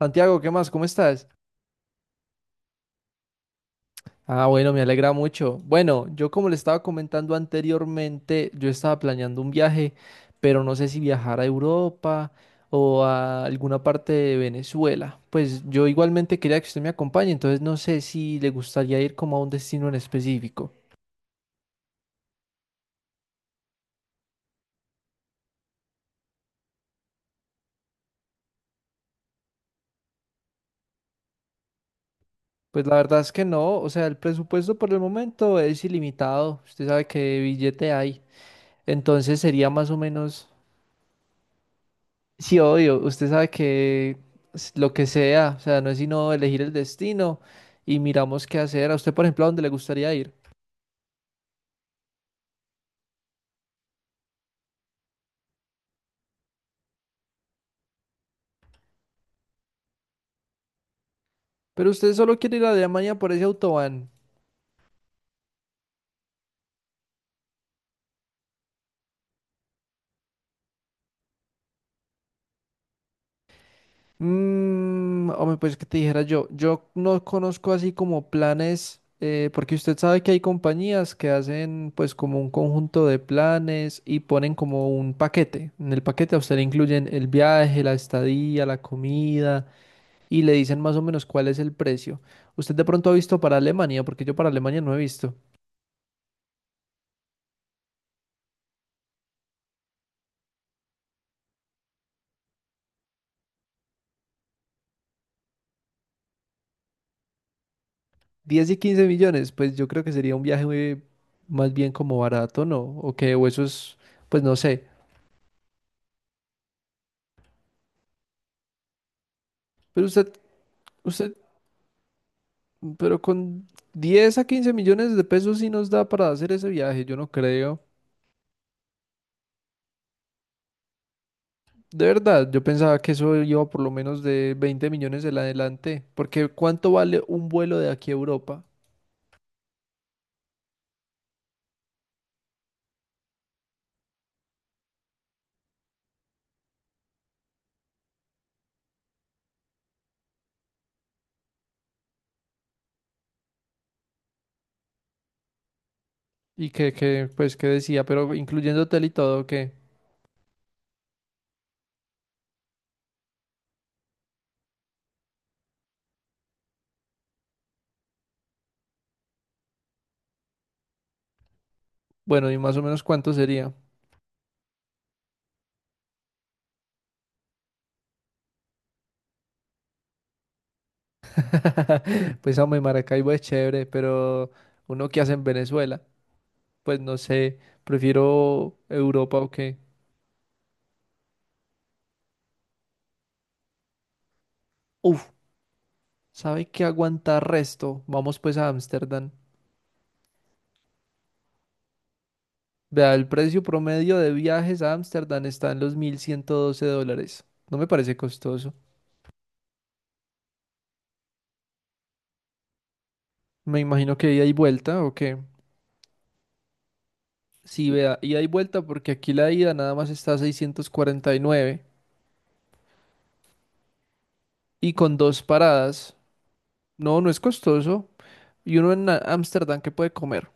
Santiago, ¿qué más? ¿Cómo estás? Ah, bueno, me alegra mucho. Bueno, yo como le estaba comentando anteriormente, yo estaba planeando un viaje, pero no sé si viajar a Europa o a alguna parte de Venezuela. Pues yo igualmente quería que usted me acompañe, entonces no sé si le gustaría ir como a un destino en específico. Pues la verdad es que no, o sea, el presupuesto por el momento es ilimitado, usted sabe qué billete hay. Entonces sería más o menos... Sí, obvio, usted sabe que lo que sea, o sea, no es sino elegir el destino y miramos qué hacer. A usted, por ejemplo, ¿a dónde le gustaría ir? Pero usted solo quiere ir a Alemania por ese autobahn. Mmm, hombre, pues que te dijera yo, yo no conozco así como planes, porque usted sabe que hay compañías que hacen pues como un conjunto de planes y ponen como un paquete. En el paquete a usted le incluyen el viaje, la estadía, la comida y le dicen más o menos cuál es el precio. Usted de pronto ha visto para Alemania, porque yo para Alemania no he visto. 10 y 15 millones, pues yo creo que sería un viaje muy- más bien como barato, ¿no? O que, o eso es, pues no sé. Pero usted, usted, pero con 10 a 15 millones de pesos sí nos da para hacer ese viaje, yo no creo. De verdad, yo pensaba que eso iba por lo menos de 20 millones en adelante, porque ¿cuánto vale un vuelo de aquí a Europa? Y pues, que decía, pero incluyendo hotel y todo, que... Bueno, ¿y más o menos cuánto sería? Pues hombre, Maracaibo es chévere, pero uno que hace en Venezuela, pues no sé, prefiero Europa o qué. Uf, ¿sabe qué aguanta resto? Vamos pues a Ámsterdam. Vea, el precio promedio de viajes a Ámsterdam está en los $1.112. No me parece costoso. Me imagino que ida y vuelta o qué. Sí, vea, ida y vuelta, porque aquí la ida nada más está a 649 y con dos paradas. No, no es costoso. Y uno en Ámsterdam que puede comer?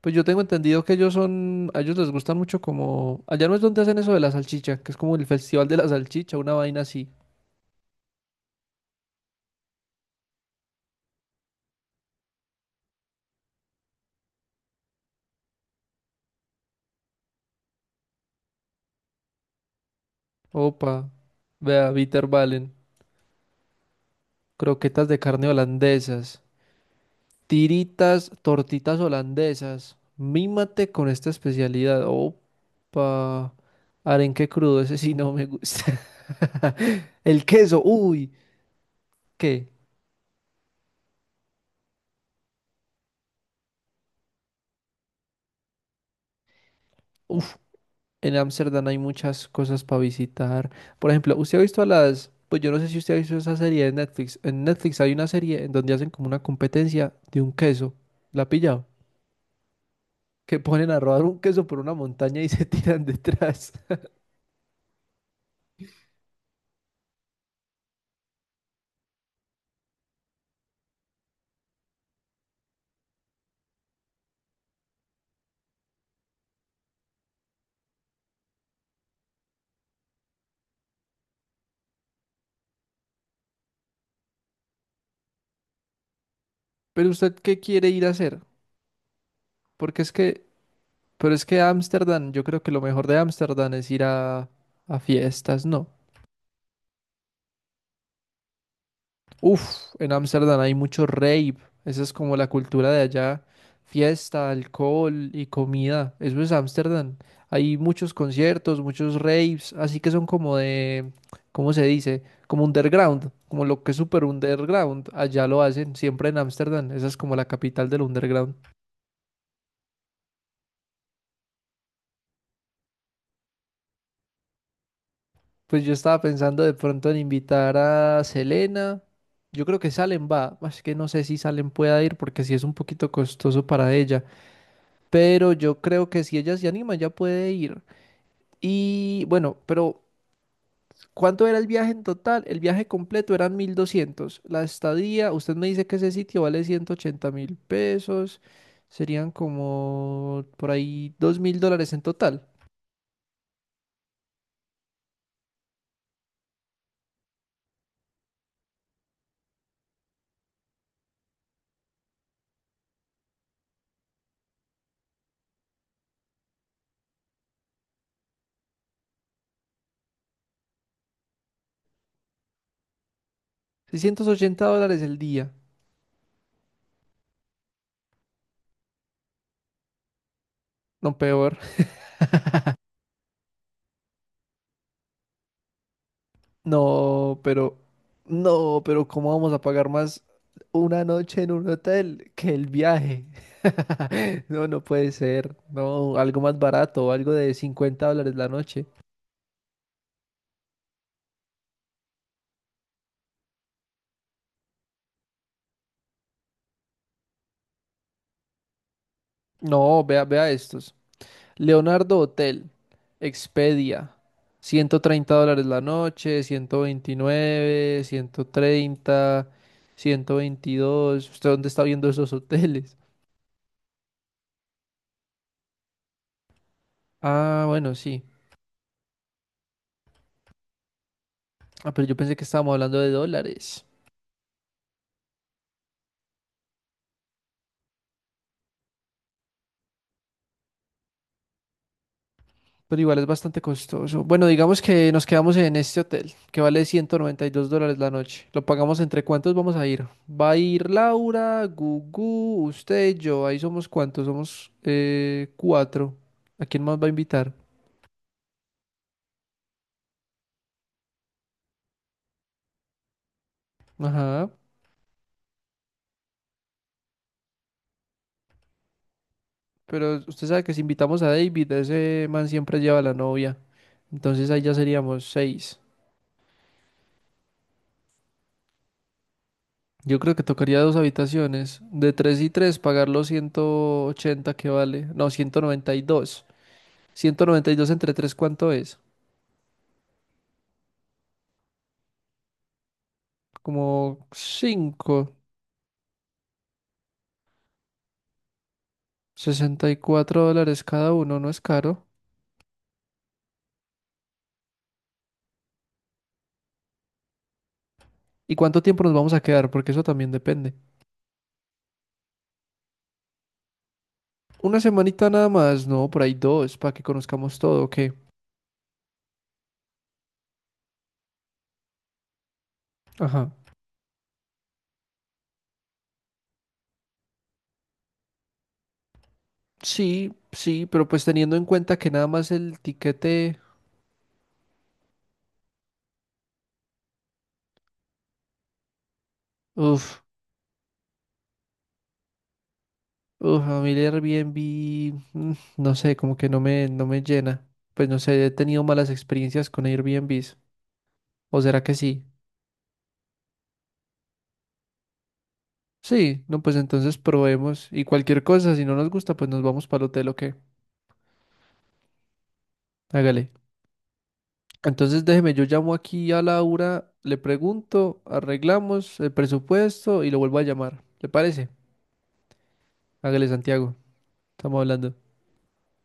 Pues yo tengo entendido que ellos son, a ellos les gusta mucho como, allá no es donde hacen eso de la salchicha, que es como el festival de la salchicha, una vaina así. Opa, vea, valen, croquetas de carne holandesas, tiritas, tortitas holandesas. Mímate con esta especialidad. Opa, arenque crudo, ese sí no me gusta. El queso, uy, ¿qué? Uf, en Ámsterdam hay muchas cosas para visitar. Por ejemplo, usted ha visto a las, pues yo no sé si usted ha visto esa serie de Netflix. En Netflix hay una serie en donde hacen como una competencia de un queso. ¿La ha pillado? Que ponen a rodar un queso por una montaña y se tiran detrás. Pero usted, ¿qué quiere ir a hacer? Porque es que, pero es que Ámsterdam, yo creo que lo mejor de Ámsterdam es ir a fiestas, ¿no? Uf, en Ámsterdam hay mucho rave. Esa es como la cultura de allá. Fiesta, alcohol y comida. Eso es Ámsterdam. Hay muchos conciertos, muchos raves, así que son como de, ¿cómo se dice? Como underground, como lo que es super underground. Allá lo hacen, siempre en Ámsterdam. Esa es como la capital del underground. Pues yo estaba pensando de pronto en invitar a Selena. Yo creo que Salen va. Es que no sé si Salen pueda ir porque sí es un poquito costoso para ella. Pero yo creo que si ella se anima, ya puede ir. Y bueno, pero ¿cuánto era el viaje en total? El viaje completo eran 1.200. La estadía, usted me dice que ese sitio vale $180.000. Serían como por ahí $2.000 en total. $680 el día. No, peor. No, pero, no, pero ¿cómo vamos a pagar más una noche en un hotel que el viaje? No, no puede ser. No, algo más barato, algo de $50 la noche. No, vea, vea estos. Leonardo Hotel, Expedia, $130 la noche, 129, 130, 122. ¿Usted dónde está viendo esos hoteles? Ah, bueno, sí. Ah, pero yo pensé que estábamos hablando de dólares. Pero igual es bastante costoso. Bueno, digamos que nos quedamos en este hotel, que vale $192 la noche. Lo pagamos entre cuántos vamos a ir. Va a ir Laura, Gugu, usted, y yo. Ahí somos cuántos, somos cuatro. ¿A quién más va a invitar? Ajá. Pero usted sabe que si invitamos a David, ese man siempre lleva a la novia. Entonces ahí ya seríamos seis. Yo creo que tocaría dos habitaciones. De tres y tres, pagar los 180 que vale. No, 192. 192 entre 3 ¿cuánto es? Como 5, $64 cada uno, no es caro. ¿Y cuánto tiempo nos vamos a quedar? Porque eso también depende. Una semanita nada más, no, por ahí dos, para que conozcamos todo, ¿ok? Ajá. Sí, sí, pero pues teniendo en cuenta que nada más el tiquete, uff, uff, a mí el Airbnb, no sé, como que no me, no me llena. Pues no sé, he tenido malas experiencias con Airbnbs. ¿O será que sí? Sí, no, pues entonces probemos y cualquier cosa, si no nos gusta, pues nos vamos para el hotel o qué. Hágale. Entonces déjeme, yo llamo aquí a Laura, le pregunto, arreglamos el presupuesto y lo vuelvo a llamar. ¿Le parece? Hágale, Santiago. Estamos hablando.